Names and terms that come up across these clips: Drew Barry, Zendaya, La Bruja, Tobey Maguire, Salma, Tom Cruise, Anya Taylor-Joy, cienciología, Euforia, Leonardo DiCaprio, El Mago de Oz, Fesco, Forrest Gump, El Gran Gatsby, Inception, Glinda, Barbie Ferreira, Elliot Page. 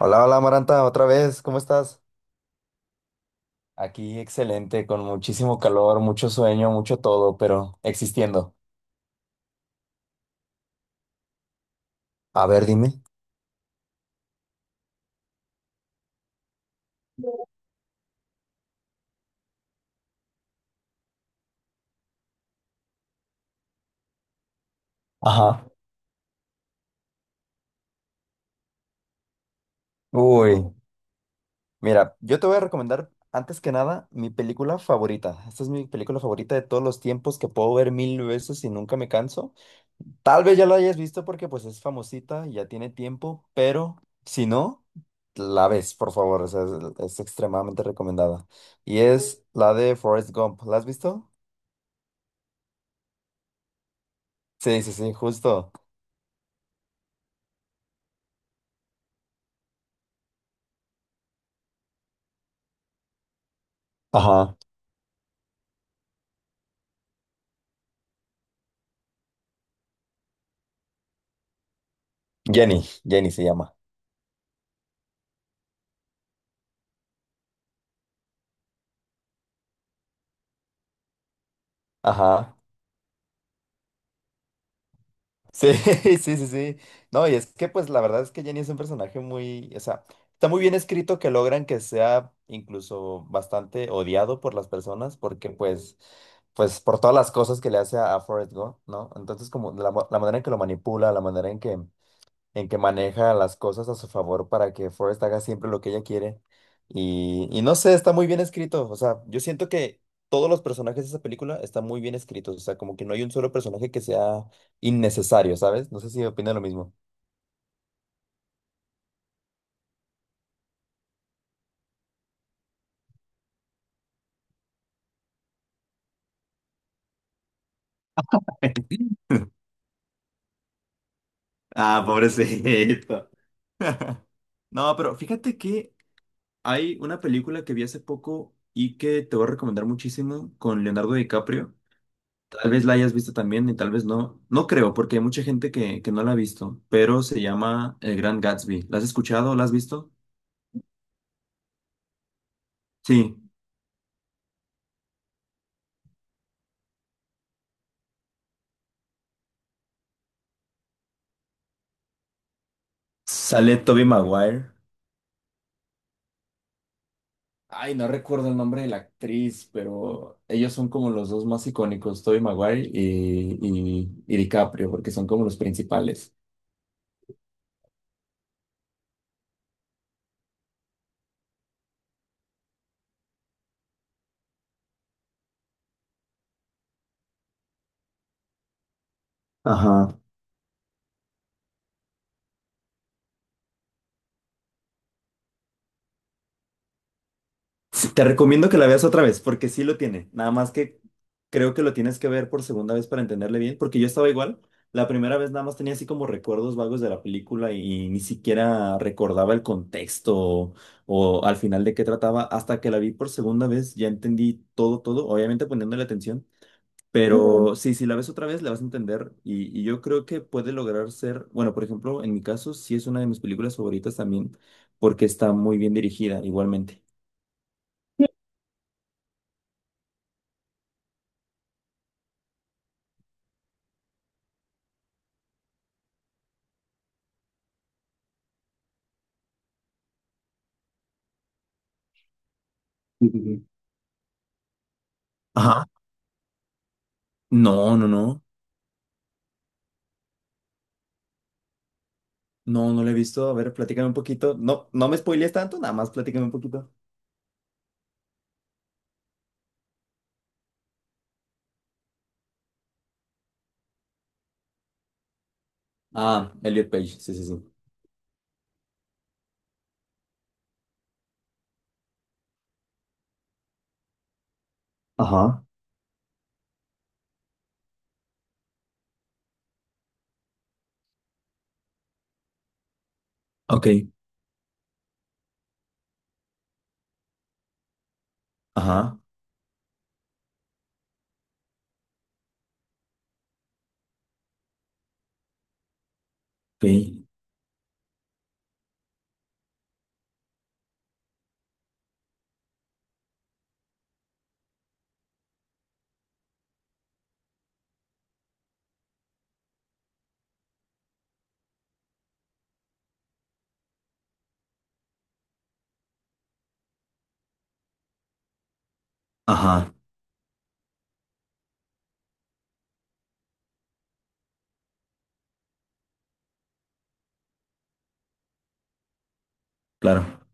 Hola, hola Maranta, otra vez, ¿cómo estás? Aquí excelente, con muchísimo calor, mucho sueño, mucho todo, pero existiendo. A ver, dime. Ajá. Uy, mira, yo te voy a recomendar antes que nada mi película favorita. Esta es mi película favorita de todos los tiempos que puedo ver mil veces y nunca me canso. Tal vez ya la hayas visto porque pues es famosita, y ya tiene tiempo, pero si no, la ves, por favor, o sea, es extremadamente recomendada. Y es la de Forrest Gump. ¿La has visto? Sí, sí, sí, justo. Ajá. Jenny, Jenny se llama. Ajá. Sí, sí, sí, sí. No, y es que pues la verdad es que Jenny es un personaje muy, o sea, está muy bien escrito que logran que sea incluso bastante odiado por las personas porque pues, pues por todas las cosas que le hace a Forrest Gump, ¿no? Entonces como la, la manera en que lo manipula, la manera en que maneja las cosas a su favor para que Forrest haga siempre lo que ella quiere. Y no sé, está muy bien escrito. O sea, yo siento que todos los personajes de esa película están muy bien escritos. O sea, como que no hay un solo personaje que sea innecesario, ¿sabes? No sé si opina lo mismo. Ah, pobrecito. No, pero fíjate que hay una película que vi hace poco y que te voy a recomendar muchísimo con Leonardo DiCaprio. Tal vez la hayas visto también y tal vez no. No creo, porque hay mucha gente que no la ha visto, pero se llama El Gran Gatsby. ¿La has escuchado? ¿La has visto? Sí. Sale Tobey Maguire. Ay, no recuerdo el nombre de la actriz, pero ellos son como los dos más icónicos, Tobey Maguire y DiCaprio, porque son como los principales. Ajá. Sí, te recomiendo que la veas otra vez, porque sí lo tiene. Nada más que creo que lo tienes que ver por segunda vez para entenderle bien, porque yo estaba igual. La primera vez nada más tenía así como recuerdos vagos de la película y ni siquiera recordaba el contexto o al final de qué trataba. Hasta que la vi por segunda vez ya entendí todo, todo, obviamente poniéndole atención. Ujú. Pero sí, si la ves otra vez, la vas a entender y yo creo que puede lograr ser, bueno, por ejemplo, en mi caso, sí es una de mis películas favoritas también, porque está muy bien dirigida igualmente. Sí, sí, sí. Ajá. No, no, no. No, no la he visto. A ver, platícame un poquito. No, no me spoilees tanto, nada más platícame un poquito. Ah, Elliot Page, sí, sí, sí. Ajá. Ok. Ajá. Ok. Ajá. Claro.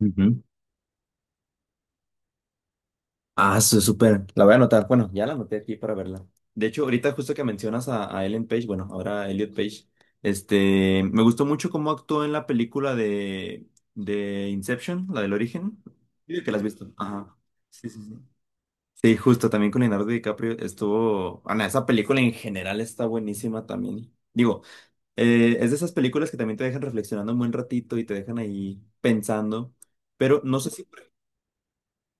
Ujú. Ah, eso súper. La voy a anotar. Bueno, ya la anoté aquí para verla. De hecho, ahorita justo que mencionas a Ellen Page, bueno, ahora a Elliot Page, me gustó mucho cómo actuó en la película de Inception, la del origen. Digo que la has visto. Ajá. Sí, sí, sí. Sí, justo también con Leonardo DiCaprio estuvo. Ana, esa película en general está buenísima también. Digo, es de esas películas que también te dejan reflexionando un buen ratito y te dejan ahí pensando. Pero no sé si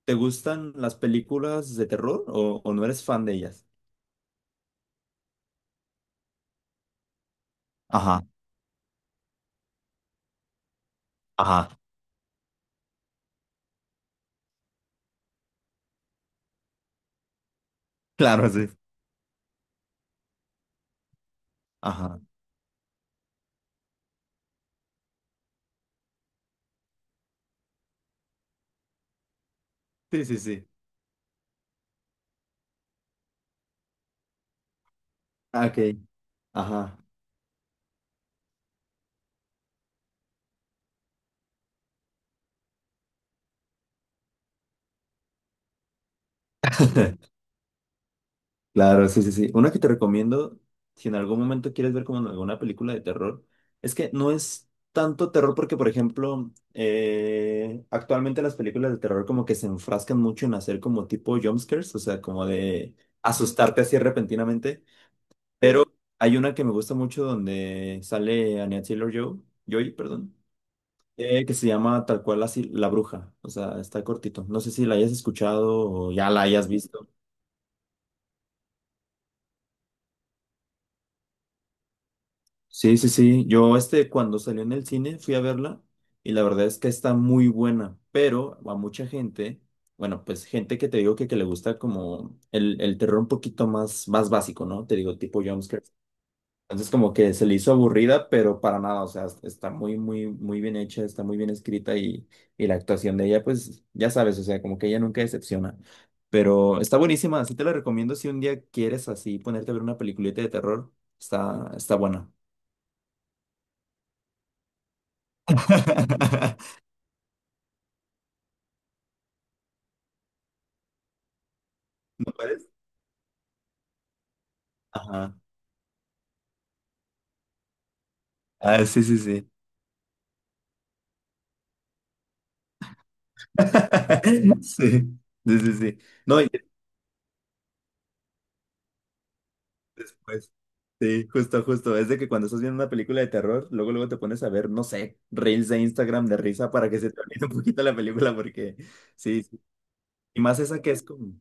te gustan las películas de terror o no eres fan de ellas. Ajá, ajá, claro, sí. Ajá. Sí, sí, sí. Ah, ok. Ajá. Claro, sí, sí, sí. Una que te recomiendo, si en algún momento quieres ver como en alguna película de terror, es que no es tanto terror porque, por ejemplo, actualmente las películas de terror como que se enfrascan mucho en hacer como tipo jumpscares, o sea, como de asustarte así repentinamente. Pero hay una que me gusta mucho donde sale Anya Taylor-Joy, Joy, perdón, que se llama tal cual así La Bruja, o sea, está cortito. No sé si la hayas escuchado o ya la hayas visto. Sí, sí, sí. Yo, cuando salió en el cine, fui a verla y la verdad es que está muy buena, pero a mucha gente, bueno, pues gente que te digo que le gusta como el terror un poquito más, más básico, ¿no? Te digo, tipo jumpscares. Entonces, como que se le hizo aburrida, pero para nada, o sea, está muy, muy, muy bien hecha, está muy bien escrita y la actuación de ella, pues ya sabes, o sea, como que ella nunca decepciona. Pero está buenísima, así te la recomiendo si un día quieres así ponerte a ver una peliculita de terror, está, está buena. ¿No puedes? Ajá. Ah, sí, sí, sí. Sí, sí, sí, sí. No, y después. Sí, justo, justo. Es de que cuando estás viendo una película de terror, luego, luego te pones a ver, no sé, reels de Instagram de risa para que se te olvide un poquito la película, porque sí, sí. Y más esa que es como.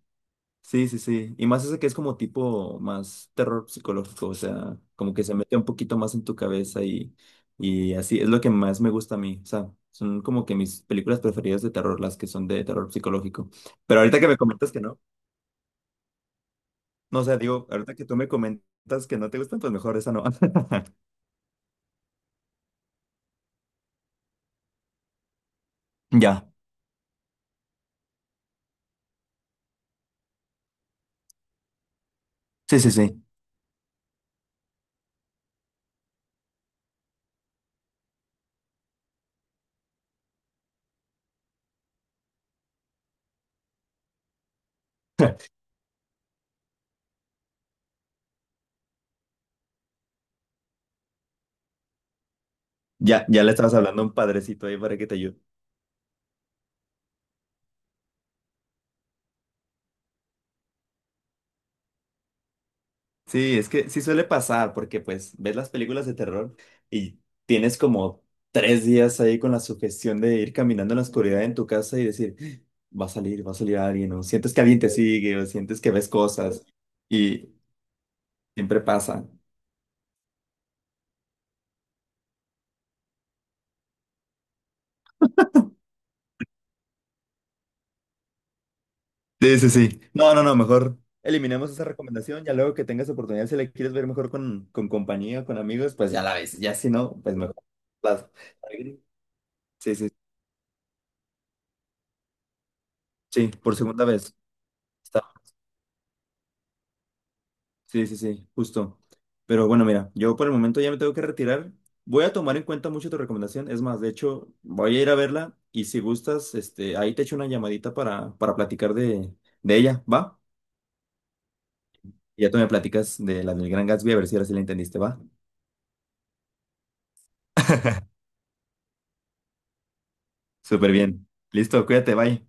Sí, sí, sí. Y más ese que es como tipo más terror psicológico, o sea, como que se mete un poquito más en tu cabeza y así es lo que más me gusta a mí. O sea, son como que mis películas preferidas de terror, las que son de terror psicológico. Pero ahorita que me comentas que no, no, o sea, digo, ahorita que tú me comentas que no te gustan, pues mejor esa no. Ya, sí, sí, sí. Ya, ya le estabas hablando a un padrecito ahí para que te ayude. Sí, es que sí suele pasar, porque pues ves las películas de terror y tienes como 3 días ahí con la sugestión de ir caminando en la oscuridad en tu casa y decir, "¡Ah! Va a salir alguien, o sientes que alguien te sigue, o sientes que ves cosas, y siempre pasa. Sí, sí, sí. No, no, no, mejor eliminemos esa recomendación, ya luego que tengas oportunidad, si la quieres ver mejor con compañía, con amigos, pues ya la ves, ya si no, pues mejor. Las- sí, sí, sí, por segunda vez. Sí, sí, sí, justo. Pero bueno, mira, yo por el momento ya me tengo que retirar. Voy a tomar en cuenta mucho tu recomendación. Es más, de hecho, voy a ir a verla y si gustas, ahí te echo una llamadita para platicar de ella, ¿va? Y ya tú me platicas de la del Gran Gatsby, a ver si ahora sí la entendiste, ¿va? Súper bien. Listo, cuídate, bye.